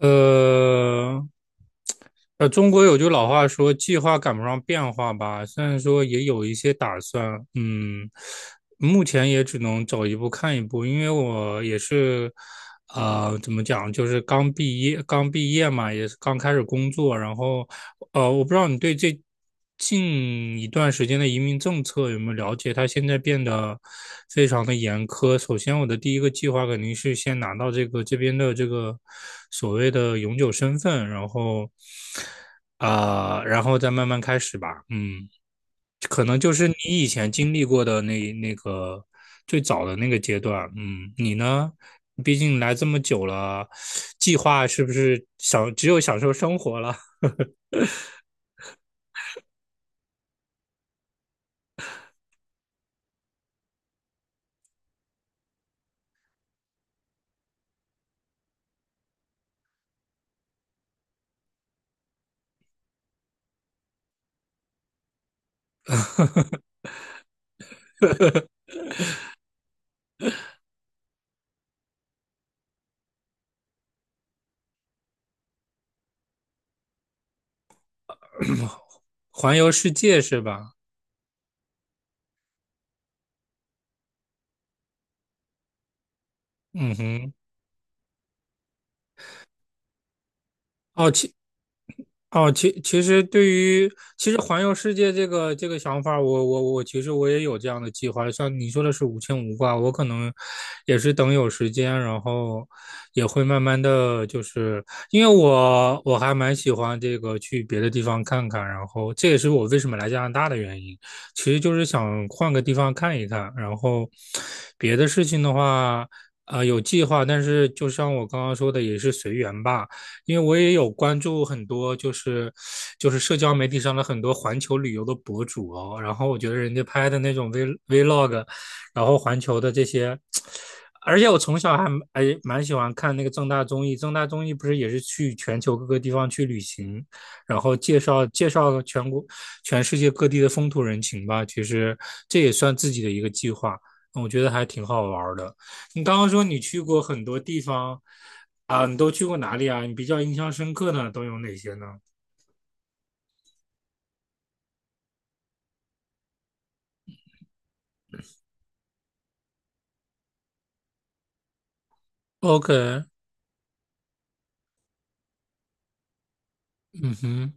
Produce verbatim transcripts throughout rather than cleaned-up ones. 呃，呃，中国有句老话说"计划赶不上变化"吧，虽然说也有一些打算，嗯，目前也只能走一步看一步，因为我也是，呃，怎么讲，就是刚毕业，刚毕业嘛，也是刚开始工作，然后呃，我不知道你对这近一段时间的移民政策有没有了解？它现在变得非常的严苛。首先，我的第一个计划肯定是先拿到这个这边的这个所谓的永久身份，然后，啊、然后再慢慢开始吧。嗯，可能就是你以前经历过的那那个最早的那个阶段。嗯，你呢？毕竟来这么久了，计划是不是享只有享受生活了？环游世界是吧？嗯哼。哦，其哦，其其实对于其实环游世界这个这个想法儿我我我其实我也有这样的计划。像你说的是无牵无挂，我可能也是等有时间，然后也会慢慢的就是，因为我我还蛮喜欢这个去别的地方看看，然后这也是我为什么来加拿大的原因，其实就是想换个地方看一看，然后别的事情的话，呃，有计划，但是就像我刚刚说的，也是随缘吧。因为我也有关注很多，就是就是社交媒体上的很多环球旅游的博主哦，然后我觉得人家拍的那种 v vlog,然后环球的这些，而且我从小还哎蛮喜欢看那个正大综艺，正大综艺不是也是去全球各个地方去旅行，然后介绍介绍全国全世界各地的风土人情吧，其实这也算自己的一个计划。我觉得还挺好玩的。你刚刚说你去过很多地方，啊，你都去过哪里啊？你比较印象深刻的都有哪些呢？OK。嗯哼。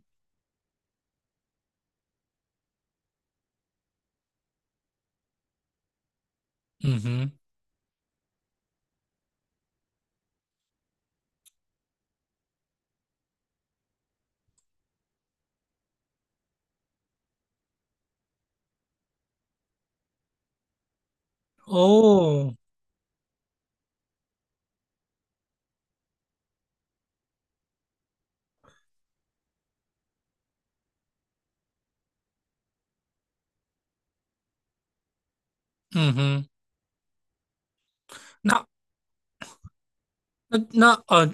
嗯哼。哦。嗯哼。那那那呃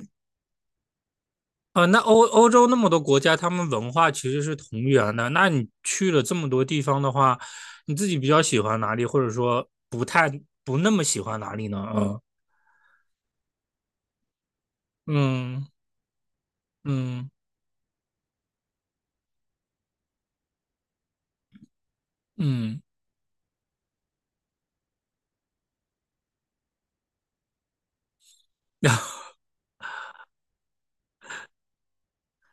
呃，那欧欧洲那么多国家，他们文化其实是同源的。那你去了这么多地方的话，你自己比较喜欢哪里，或者说不太不那么喜欢哪里呢？嗯嗯嗯嗯。嗯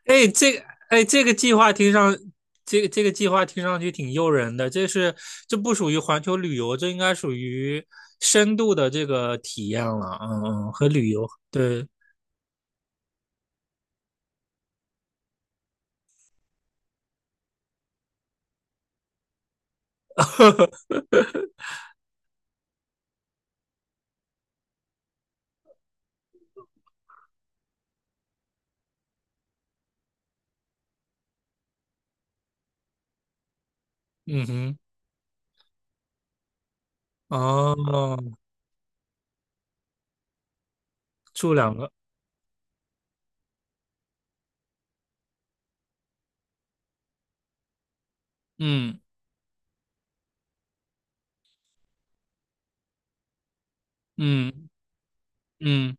哎，这个哎，这个计划听上，这个这个计划听上去挺诱人的。这是这不属于环球旅游，这应该属于深度的这个体验了。嗯嗯，和旅游对。嗯哼。哦，住两个，嗯嗯嗯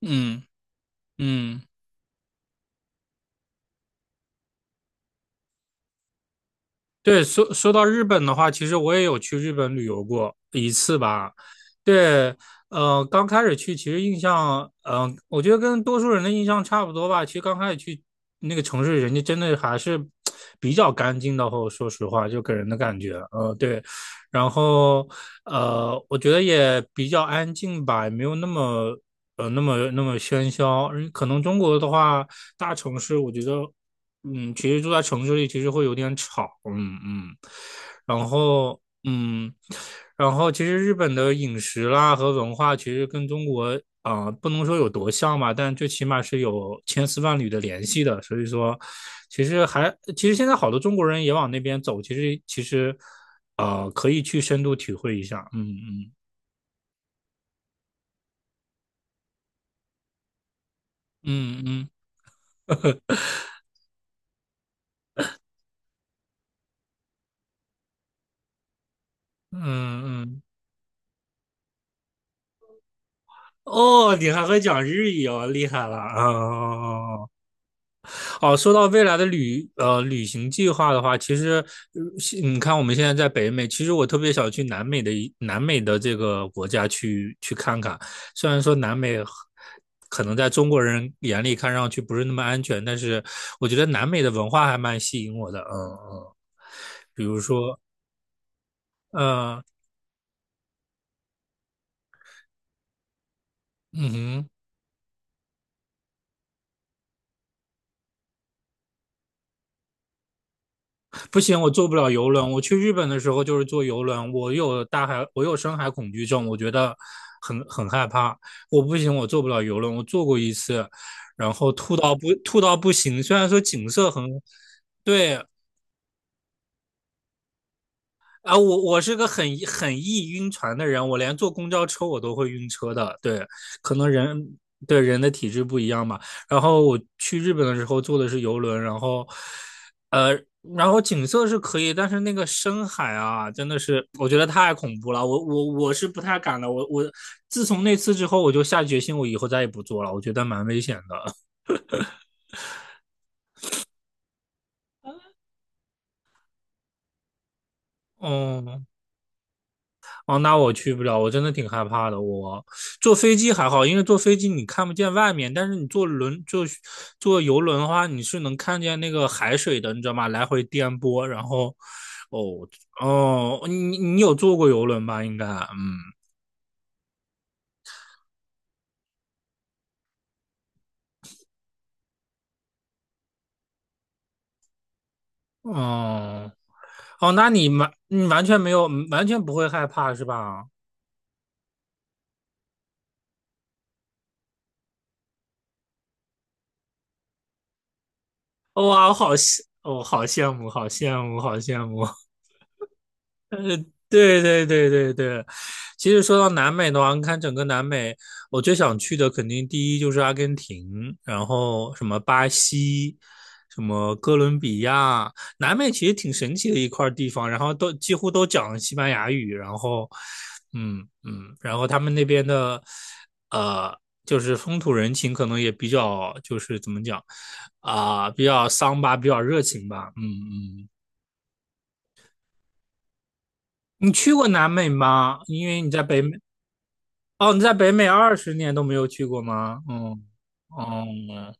嗯嗯，对，说说到日本的话，其实我也有去日本旅游过一次吧。对，呃，刚开始去，其实印象，嗯、呃我觉得跟多数人的印象差不多吧。其实刚开始去那个城市，人家真的还是比较干净的。后说实话，就给人的感觉，呃，对。然后，呃，我觉得也比较安静吧，也没有那么，呃，那么那么喧嚣。嗯可能中国的话，大城市，我觉得嗯，其实住在城市里其实会有点吵。嗯嗯，然后嗯，然后其实日本的饮食啦和文化其实跟中国啊、呃不能说有多像吧，但最起码是有千丝万缕的联系的，所以说其实还其实现在好多中国人也往那边走，其实其实啊可以去深度体会一下。嗯嗯嗯嗯嗯嗯，哦，你还会讲日语哦，厉害了啊！哦哦哦。哦，说到未来的旅呃旅行计划的话，其实呃是你看我们现在在北美，其实我特别想去南美的一南美的这个国家去去看看。虽然说南美可能在中国人眼里看上去不是那么安全，但是我觉得南美的文化还蛮吸引我的。嗯嗯，比如说，嗯。嗯哼。不行，我坐不了游轮。我去日本的时候就是坐游轮，我有大海，我有深海恐惧症，我觉得很很害怕。我不行，我坐不了游轮。我坐过一次，然后吐到不吐到不行。虽然说景色很对。啊，我我是个很很易晕船的人，我连坐公交车我都会晕车的。对，可能人对人的体质不一样嘛。然后我去日本的时候坐的是游轮，然后呃，然后景色是可以，但是那个深海啊，真的是我觉得太恐怖了。我我我是不太敢的。我我自从那次之后，我就下决心，我以后再也不坐了。我觉得蛮危险的。嗯。哦，那我去不了，我真的挺害怕的。我坐飞机还好，因为坐飞机你看不见外面，但是你坐轮坐坐游轮的话，你是能看见那个海水的，你知道吗？来回颠簸，然后，哦。哦，你你有坐过游轮吧？应该。嗯。哦哦，那你完你完全没有，完全不会害怕是吧？哦哇，我好羡，我、好羡慕，好羡慕，好羡慕。对对对对对，其实说到南美的话，你看整个南美，我最想去的肯定第一就是阿根廷，然后什么巴西，什么哥伦比亚，南美其实挺神奇的一块地方，然后都几乎都讲西班牙语，然后，嗯嗯，然后他们那边的，呃，就是风土人情可能也比较，就是怎么讲，啊、比较桑巴，比较热情吧。嗯嗯。你去过南美吗？因为你在北美。哦，你在北美二十年都没有去过吗？嗯。哦。嗯，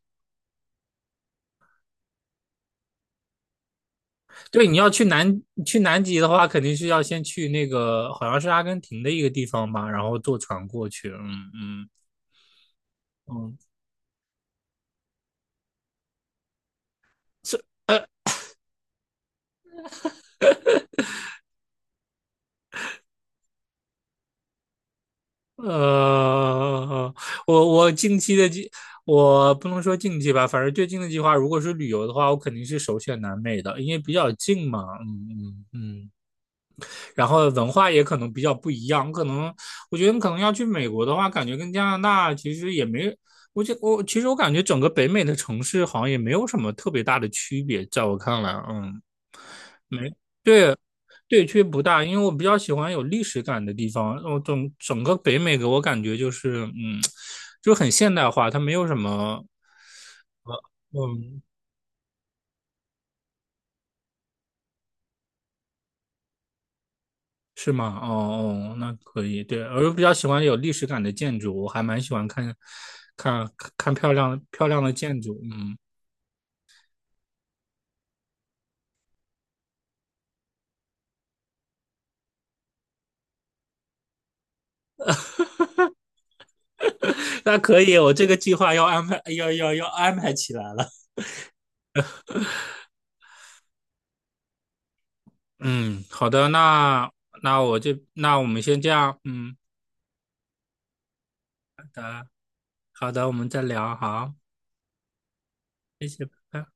对，你要去南去南极的话，肯定是要先去那个好像是阿根廷的一个地方吧，然后坐船过去。嗯嗯嗯，是呃呃，我我近期的计，我不能说近期吧，反正最近的计划，如果是旅游的话，我肯定是首选南美的，因为比较近嘛。嗯嗯嗯，然后文化也可能比较不一样。可能我觉得可能要去美国的话，感觉跟加拿大其实也没，我觉我其实我感觉整个北美的城市好像也没有什么特别大的区别，在我看来，嗯，没对。对，区别不大，因为我比较喜欢有历史感的地方。我整整个北美给我感觉就是，嗯，就很现代化，它没有什么。嗯，是吗？哦。哦，那可以。对，我比较喜欢有历史感的建筑，我还蛮喜欢看，看看漂亮漂亮的建筑。嗯。那可以，我这个计划要安排，要要要安排起来了。嗯，好的，那那我就那我们先这样。嗯，好的，我们再聊。好，谢谢，拜拜。